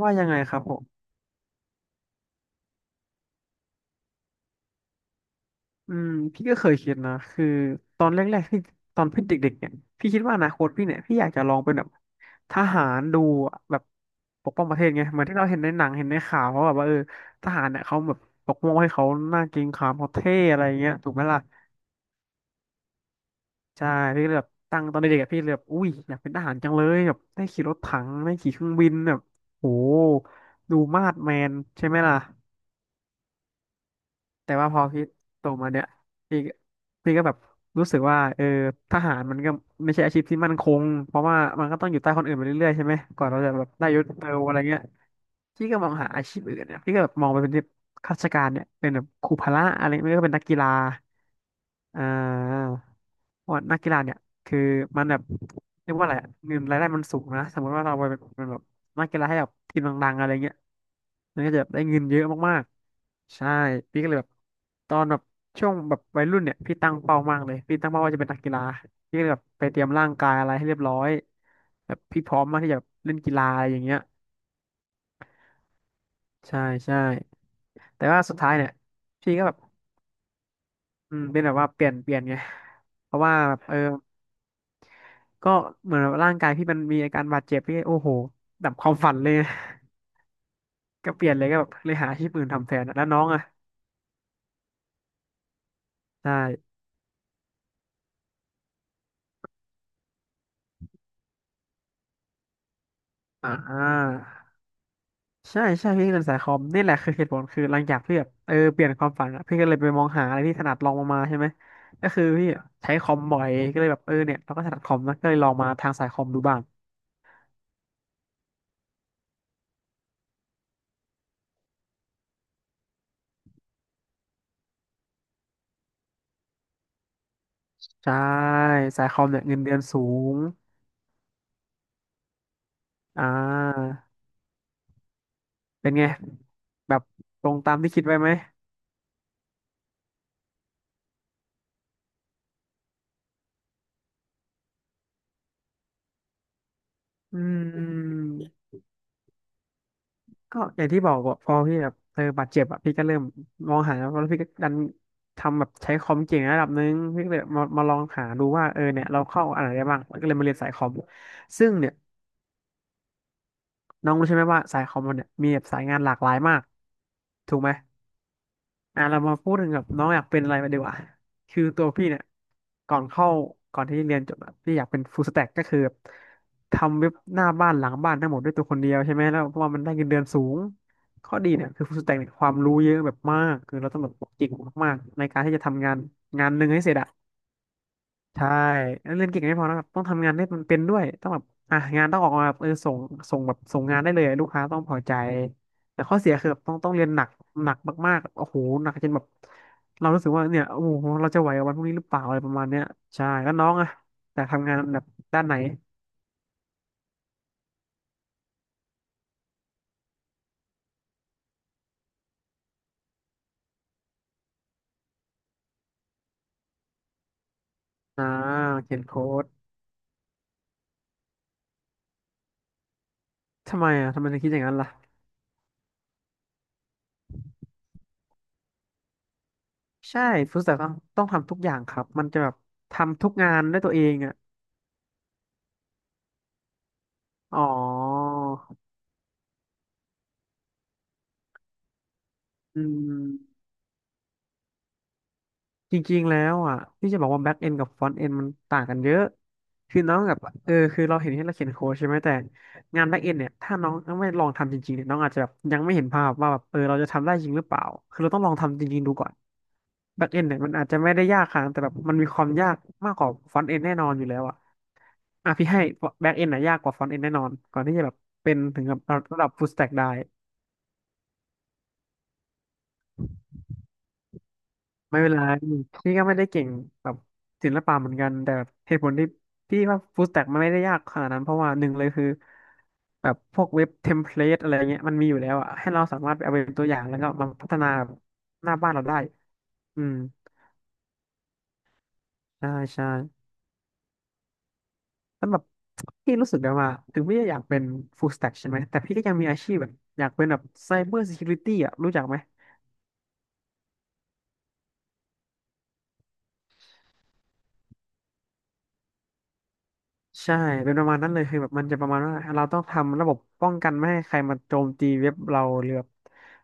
ว่ายังไงครับผมอืมพี่ก็เคยคิดนะคือตอนแรกๆที่ตอนพี่เด็กๆเนี่ยพี่คิดว่าอนาคตพี่เนี่ยพี่อยากจะลองเป็นแบบทหารดูอะแบบปกป้องประเทศไงเหมือนที่เราเห็นในหนังเห็นในข่าวเขาแบบว่าทหารเนี่ยเขาแบบปกป้องให้เขาหน้าเกรงขามเขาเท่อะไรเงี้ยถูกไหมล่ะใช่พี่ก็เลยแบบตั้งตอนเด็กๆอะพี่เลยแบบอุ้ยอยากเป็นทหารจังเลยแบบได้ขี่รถถังได้ขี่เครื่องบินแบบโหดูมาดแมนใช่ไหมล่ะ แต่ว่าพอพี่โตมาเนี่ยพี่ก็พี่ก็แบบรู้สึกว่าทหารมันก็ไม่ใช่อาชีพที่มั่นคงเพราะว่ามันก็ต้องอยู่ใต้คนอื่นไปเรื่อยๆใช่ไหมก่อนเราจะแบบได้ยศเติบอะไรเงี้ยพี่ก็มองหาอาชีพอื่นเนี่ยพี่ก็แบบมองไปเป็นที่ข้าราชการเนี่ยเป็นแบบครูพละอะไรไม่ก็เป็นนักกีฬา อ่าเพราะว่านักกีฬาเนี่ยคือมันแบบเรียกว่าอะไรอะเงินรายได้มันสูงนะสมมติว่าเราไปเป็นแบบนักกีฬาให้แบบทีมดังๆอะไรเงี้ยมันก็จะแบบได้เงินเยอะมากๆใช่พี่ก็เลยแบบตอนแบบช่วงแบบวัยรุ่นเนี่ยพี่ตั้งเป้ามากเลยพี่ตั้งเป้าว่าจะเป็นนักกีฬาพี่ก็เลยแบบไปเตรียมร่างกายอะไรให้เรียบร้อยแบบพี่พร้อมมากที่จะแบบเล่นกีฬาอะไรอย่างเงี้ยใช่ใช่แต่ว่าสุดท้ายเนี่ยพี่ก็แบบเป็นแบบว่าเปลี่ยนไงเพราะว่าแบบก็เหมือนแบบร่างกายพี่มันมีอาการบาดเจ็บพี่โอ้โหดับความฝันเลย ก็เปลี่ยนเลยก็แบบเลยหาอาชีพอื่นทำแทนอะแล้วน้องอ่ะใช่อ่าใช่ใช่พี่เรียนสายคอมนี่แหละคือเหตุผลคือหลังจากพี่แบบเปลี่ยนความฝันอะพี่ก็เลยไปมองหาอะไรที่ถนัดลองลงมาใช่ไหมก็คือพี่ใช้คอมบ่อยก็เลยแบบเนี่ยเราก็ถนัดคอมนะก็เลยลองมาทางสายคอมดูบ้างใช่สายคอมเนี่ยเงินเดือนสูงอ่าเป็นไงแบบตรงตามที่คิดไว้ไหมอืม ก็อย่างที่บอกอะพอพี่แบบบาดเจ็บอะพี่ก็เริ่มมองหาแล้วพี่ก็ดันทำแบบใช้คอมเก่งระดับหนึงพี่ก็เลยมาลองหาดูว่าเนี่ยเราเข้าอะไรได้บ้างก็เลยมาเรียนสายคอมซึ่งเนี่ยน้องรู้ใช่ไหมว่าสายคอมมันเนี่ยมีแบบสายงานหลากหลายมากถูกไหม อ่ะเรามาพูดถึงแบบน้องอยากเป็นอะไรมาดีกว่าคือตัวพี่เนี่ยก่อนเข้าก่อนที่เรียนจบอะพี่อยากเป็นฟู l สแต็กก็คือแบบทำเว็บหน้าบ้านหลังบ้านทั้งหมดด้วยตัวคนเดียวใช่ไหมแล้วเพราะว่ามันได้เงินเดือนสูงข้อดีเนี่ยคือฟู l สแต็กเนี่ยความรู้เยอะแบบมากคือเราต้องแบบเกิงมากๆในการที่จะทำงานงานหนึ่งให้เสร็จอะ ใช่แล้วเรียนเก่งไม่พอนะครับต้องทำงานให้มันเป็นด้วยต้องแบบอ่ะงานต้องออกมาแบบส่งแบบส่งงานได้เลยลูกค้าต้องพอใจแต่ข้อเสียคือแบบต้องเรียนหนักหนักมากๆโอ้โหหนักจนแบบเรารู้สึกว่าเนี่ยโอ้โหเราจะไหวกับวันพรุ่งนี้หรือเปล่าอะไรประมาณเนี้ยใช่แล้วน้องอะแต่ทำงานแบบด้านไหนอ่าเขียนโค้ดทำไมอ่ะทำไมถึงคิดอย่างนั้นล่ะใช่ฟู้สแต็กต้องทำทุกอย่างครับมันจะแบบทำทุกงานด้วยตัวเองอ่ะอ๋ออืม จริงๆแล้วอ่ะที่จะบอกว่าแบ็กเอนกับฟ r อนต์เอนมันต่างกันเยอะคือน้องกับคือเราเห็นที่เราเขียนโค้ดใช่ไหมแต่งานแบ็กเอนเนี่ยถ้าน้องไม่ลองทำจริงๆเนี่ยน้องอาจจะแบบยังไม่เห็นภาพว่าแบบเราจะทำได้จริงหรือเปล่าคือเราต้องลองทำจริงๆดูก่อนแบ็กเอนเนี่ยมันอาจจะไม่ได้ยากขนาดนั้นแต่แบบมันมีความยากมากกว่าฟอนต์เอนแน่นอนอยู่แล้วอ่ะอ่ะพี่ให้แบ็กเอนน่ะยากกว่าฟรอนต์เอนแน่นอนก่อนที่จะแบบเป็นถึงกับระดับฟูลสแต็กได้ ไม่เป็นไรพี่ก็ไม่ได้เก่งแบบศิลปะเหมือนกันแต่เหตุผลที่พี่ว่าฟู l ส t ต็กมันไม่ได้ยากขนาดนั้นเพราะว่าหนึ่งเลยคือแบบพวกเว็บเทมเพลตอะไรเงี้ยมันมีอยู่แล้วอะให้เราสามารถไปเอาเป็นตัวอย่างแล้วก็มาพัฒนาหน้าบ้านเราได้อืมใช่ใช่แล้วแบบพี่รู้สึกได้ว่าถึงพี่จะอยากเป็นฟู l ส t ต็กใช่ไหมแต่พี่ก็ยังมีอาชีพแบบอยากเป็นแบบไซเบอร์ซิเคียวริตี้อะรู้จักไหม ใช่เป็นประมาณนั้นเลยคือแบบมันจะประมาณว่าเราต้องทำระบบป้องกันไม่ให้ใครมาโจมตีเว็บเราหรือแบบ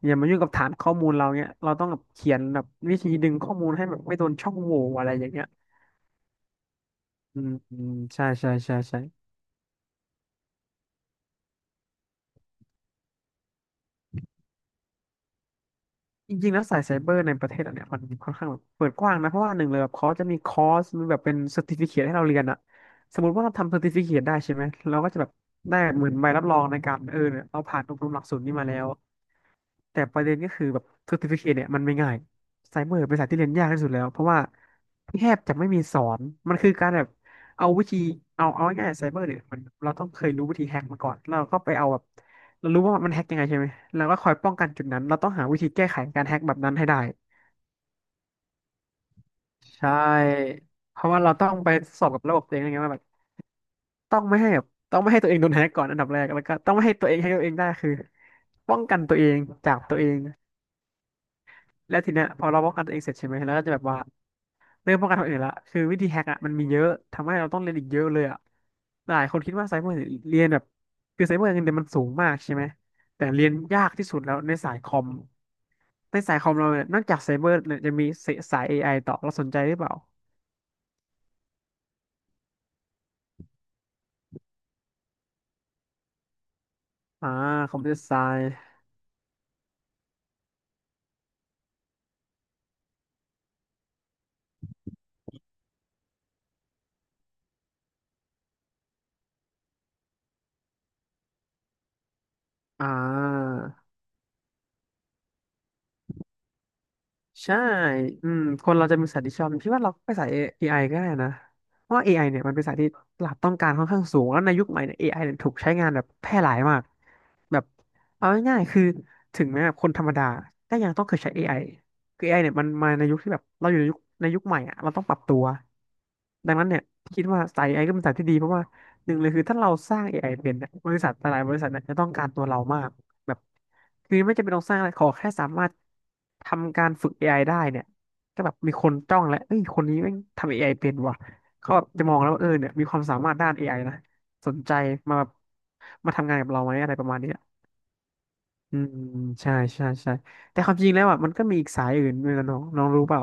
อย่ามายุ่งกับฐานข้อมูลเราเนี้ยเราต้องแบบเขียนแบบวิธีดึงข้อมูลให้แบบไม่โดนช่องโหว่อะไรอย่างเงี้ยอืมใช่จริงๆแล้วสายไซเบอร์ในประเทศเราเนี่ยมันค่อนข้างแบบเปิดกว้างนะเพราะว่าหนึ่งเลยแบบเขาจะมีคอร์สมีแบบเป็นเซอร์ติฟิเคทให้เราเรียนอะสมมติว่าเราทำเซอร์ติฟิเคทได้ใช่ไหมเราก็จะแบบได้เหมือนใบรับรองในการเนี่ยเราผ่านอบรมหลักสูตรนี้มาแล้ว แต่ประเด็นก็คือแบบ certificate เนี่ยมันไม่ง่ายไซเบอร์เป็นสายที่เรียนยากที่สุดแล้วเพราะว่าแทบจะไม่มีสอนมันคือการแบบเอาวิธีเอาง่ายๆไซเบอร์เนี่ยมันเราต้องเคยรู้วิธีแฮกมาก่อนแล้วเราก็ไปเอาแบบเรารู้ว่ามันแฮกยังไงใช่ไหมเราก็คอยป้องกันจุดนั้นเราต้องหาวิธีแก้ไขการแฮกแบบนั้นให้ได้ใช่เพราะว่าเราต้องไปสอบกับระบบตัวเองนะไงว่าแบบต้องไม่ให้แบบต้องไม่ให้ตัวเองโดนแฮกก่อนอันดับแรกแล้วก็ต้องไม่ให้ตัวเองได้คือป้องกันตัวเองจากตัวเองแล้วทีเนี้ยพอเราป้องกันตัวเองเสร็จใช่ไหมแล้วก็จะแบบว่า เรื่องป้องกันคนอื่นละคือวิธีแฮกอ่ะมันมีเยอะ ทำให้เราต้องเรียนอีกเยอะเลยอ่ะหลายคนคิดว่าไซเบอร์เรียนแบบคือไซเบอร์เงินเดือนมันสูงมากใช่ไหม แต่เรียนยากที่สุดแล้วในสายคอม ในสายคอมเราเนี่ยนอกจากไซเบอร์เนี่ยจะมีสาย AI ต่อเราสนใจหรือเปล่า อ่าคอมพิวเตอร์ไซอ่า ใช่ อืมคนเราจะมีสัตที่ชอบพี่ว่าเราไปสายเอไอก็ได้นะเพราะว่า AI เนี่ยมันเป็นสายที่ตลาดต้องการค่อนข้างสูงแล้วในยุคใหม่เนี่ยเอไอเนี่ยถูกใช้งานแบบแพร่หลายมากแบบเอาง่ายๆคือถึงแม้แบบคนธรรมดาก็ยังต้องเคยใช้ AI คือเอไ i เนี่ยมันมาในยุคที่แบบเราอยู่ในยุคใหม่อะเราต้องปรับตัวดังนั้นเนี่ยพี่คิดว่าสาย a อไอก็เป็นสายที่ดีเพราะว่าหนึ่งเลยคือถ้าเราสร้าง AI เป็นเนี่ยบริษัทหลายๆบริษัทเนี่ยจะต้องการตัวเรามาก แบบคือไม่จำเป็นต้องสร้างอะไรขอแค่สามารถทำการฝึก AIได้เนี่ยก็แบบมีคนจ้องแล้วเอ้ยคนนี้แม่งทำ AI เป็นว่ะเขาแบบจะมองแล้วว่าเออเนี่ยมีความสามารถด้าน AI นะสนใจมาแบบมาทำงานกับเราไหมอะไรประมาณเนี้ยอืมใช่แต่ความจริงแล้วอ่ะมันก็มีอีกสายอื่นด้วยนะน้องน้องรู้เปล่า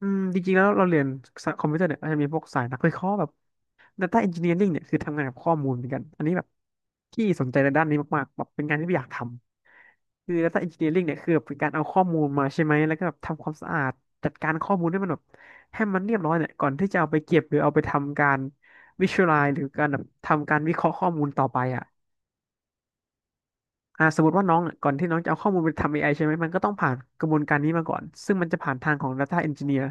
อืมจริงๆแล้วเราเรียนคอมพิวเตอร์เนี่ยอาจจะมีพวกสายนักวิเคราะห์แบบ Data Engineering เนี่ยคือทำงานกับข้อมูลเหมือนกันอันนี้แบบที่สนใจในด้านนี้มากๆแบบเป็นงานที่อยากทำคือ Data Engineering เนี่ยคือแบบเป็นการเอาข้อมูลมาใช่ไหมแล้วก็แบบทำความสะอาดจัดการข้อมูลให้มันแบบให้มันเรียบร้อยเนี่ยก่อนที่จะเอาไปเก็บหรือเอาไปทำการ Visualize หรือการแบบทำการวิเคราะห์ข้อมูลต่อไปอ่ะ สมมติว่าน้องเนี่ยก่อนที่น้องจะเอาข้อมูลไปทำ AI ใช่ไหมมันก็ต้องผ่านกระบวนการนี้มาก่อนซึ่งมันจะผ่านทางของ Data Engineer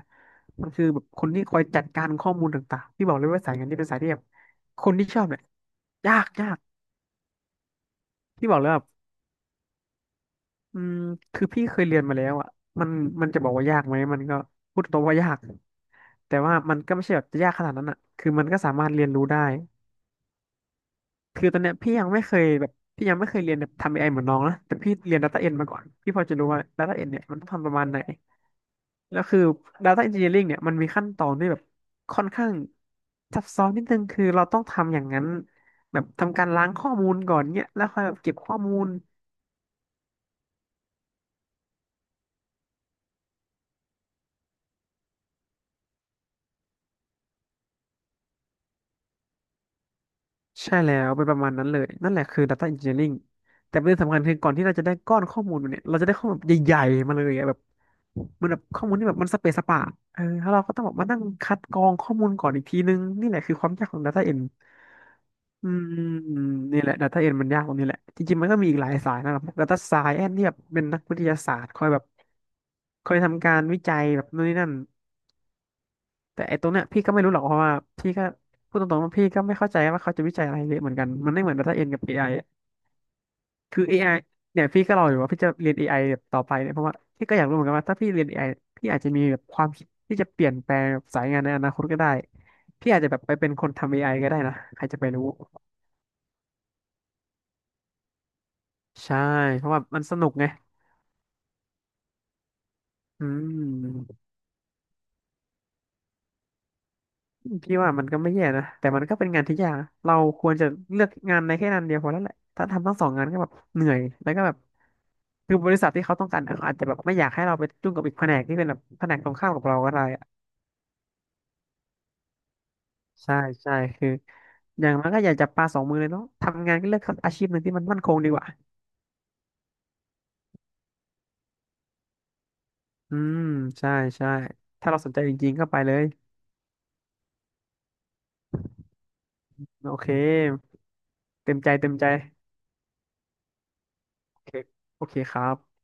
มันคือแบบคนที่คอยจัดการข้อมูลต่างๆที่บอกเลยว่าสายงานนี้เป็นสายที่แบบคนที่ชอบเนี่ยยากที่บอกเลยแบบอืมคือพี่เคยเรียนมาแล้วอ่ะมันมันจะบอกว่ายากไหมมันก็พูดตรงว่ายากแต่ว่ามันก็ไม่ใช่แบบจะยากขนาดนั้นอ่ะคือมันก็สามารถเรียนรู้ได้คือตอนเนี้ยพี่ยังไม่เคยแบบพี่ยังไม่เคยเรียนแบบทำเอไอเหมือนน้องนะแต่พี่เรียน Data End มาก่อนพี่พอจะรู้ว่า Data End เนี่ยมันต้องทำประมาณไหน แล้วคือ Data Engineering เนี่ยมันมีขั้นตอนที่แบบค่อนข้างซับซ้อนนิดนึงคือเราต้องทำอย่างนั้นแบบทำการล้างข้อมูลก่อนเนี่ยแล้วค่อยแบบเก็บข้อมูล ใช่แล้วเป็นประมาณนั้นเลยนั่นแหละคือ Data Engineering แต่ประเด็นสำคัญคือก่อนที่เราจะได้ก้อนข้อมูลมาเนี่ยเราจะได้ข้อมูลแบบใหญ่ๆมาเลยอะแบบมันแบบข้อมูลที่แบบมันสเปซสปะแล้วเราก็ต้องแบบมานั่งคัดกรองข้อมูลก่อนอีกทีนึงนี่แหละคือความยากของ Data End อืมนี่แหละ Data End มันยากตรงนี้แหละจริงๆมันก็มีอีกหลายสายนะครับ Data Science ที่แบบเป็นนักวิทยาศาสตร์คอยแบบคอยทำการวิจัยแบบนู่นนี่นั่น แต่ไอ้ตรงเนี้ยพี่ก็ไม่รู้หรอกเพราะว่าพี่ก็พูดตรงๆว่าพี่ก็ไม่เข้าใจว่าเขาจะวิจัยอะไรเยอะเหมือนกันมันไม่เหมือน Data Science กับ AI อะคือ AI เนี่ยพี่ก็รออยู่ว่าพี่จะเรียนเอไอแบบต่อไปเนี่ยเพราะว่าพี่ก็อยากรู้เหมือนกันว่าถ้าพี่เรียนเอไอพี่อาจจะมีแบบความคิดที่จะเปลี่ยนแปลงสายงานในอนาคตก็ได้พี่อาจจะแบบไปเป็นคนทำเอไอก็ได้นะใครจะไปรู้ใช่เพราะว่ามันสนุกไงอืมพี่ว่ามันก็ไม่แย่นะแต่มันก็เป็นงานที่ยากนะเราควรจะเลือกงานในแค่งานเดียวพอแล้วแหละถ้าทำทั้งสองงานก็แบบเหนื่อยแล้วก็แบบ คือบริษัทที่เขาต้องการอะเขาอาจจะแบบไม่อยากให้เราไปยุ่งกับอีกแผนกที่เป็นแบบแผนกตรงข้ามกับเราก็ได้อะใช่ใช่คืออย่างนั้นก็อย่าจับปลาสองมือเลยเนาะทำงานก็เลือกอาชีพหนึ่งที่มันมั่นคงดีกว่าอืมใช่ใช่ถ้าเราสนใจจริงๆก็ไปเลยโอเคเต็มใจเต็มใจโอเคโอเคครับ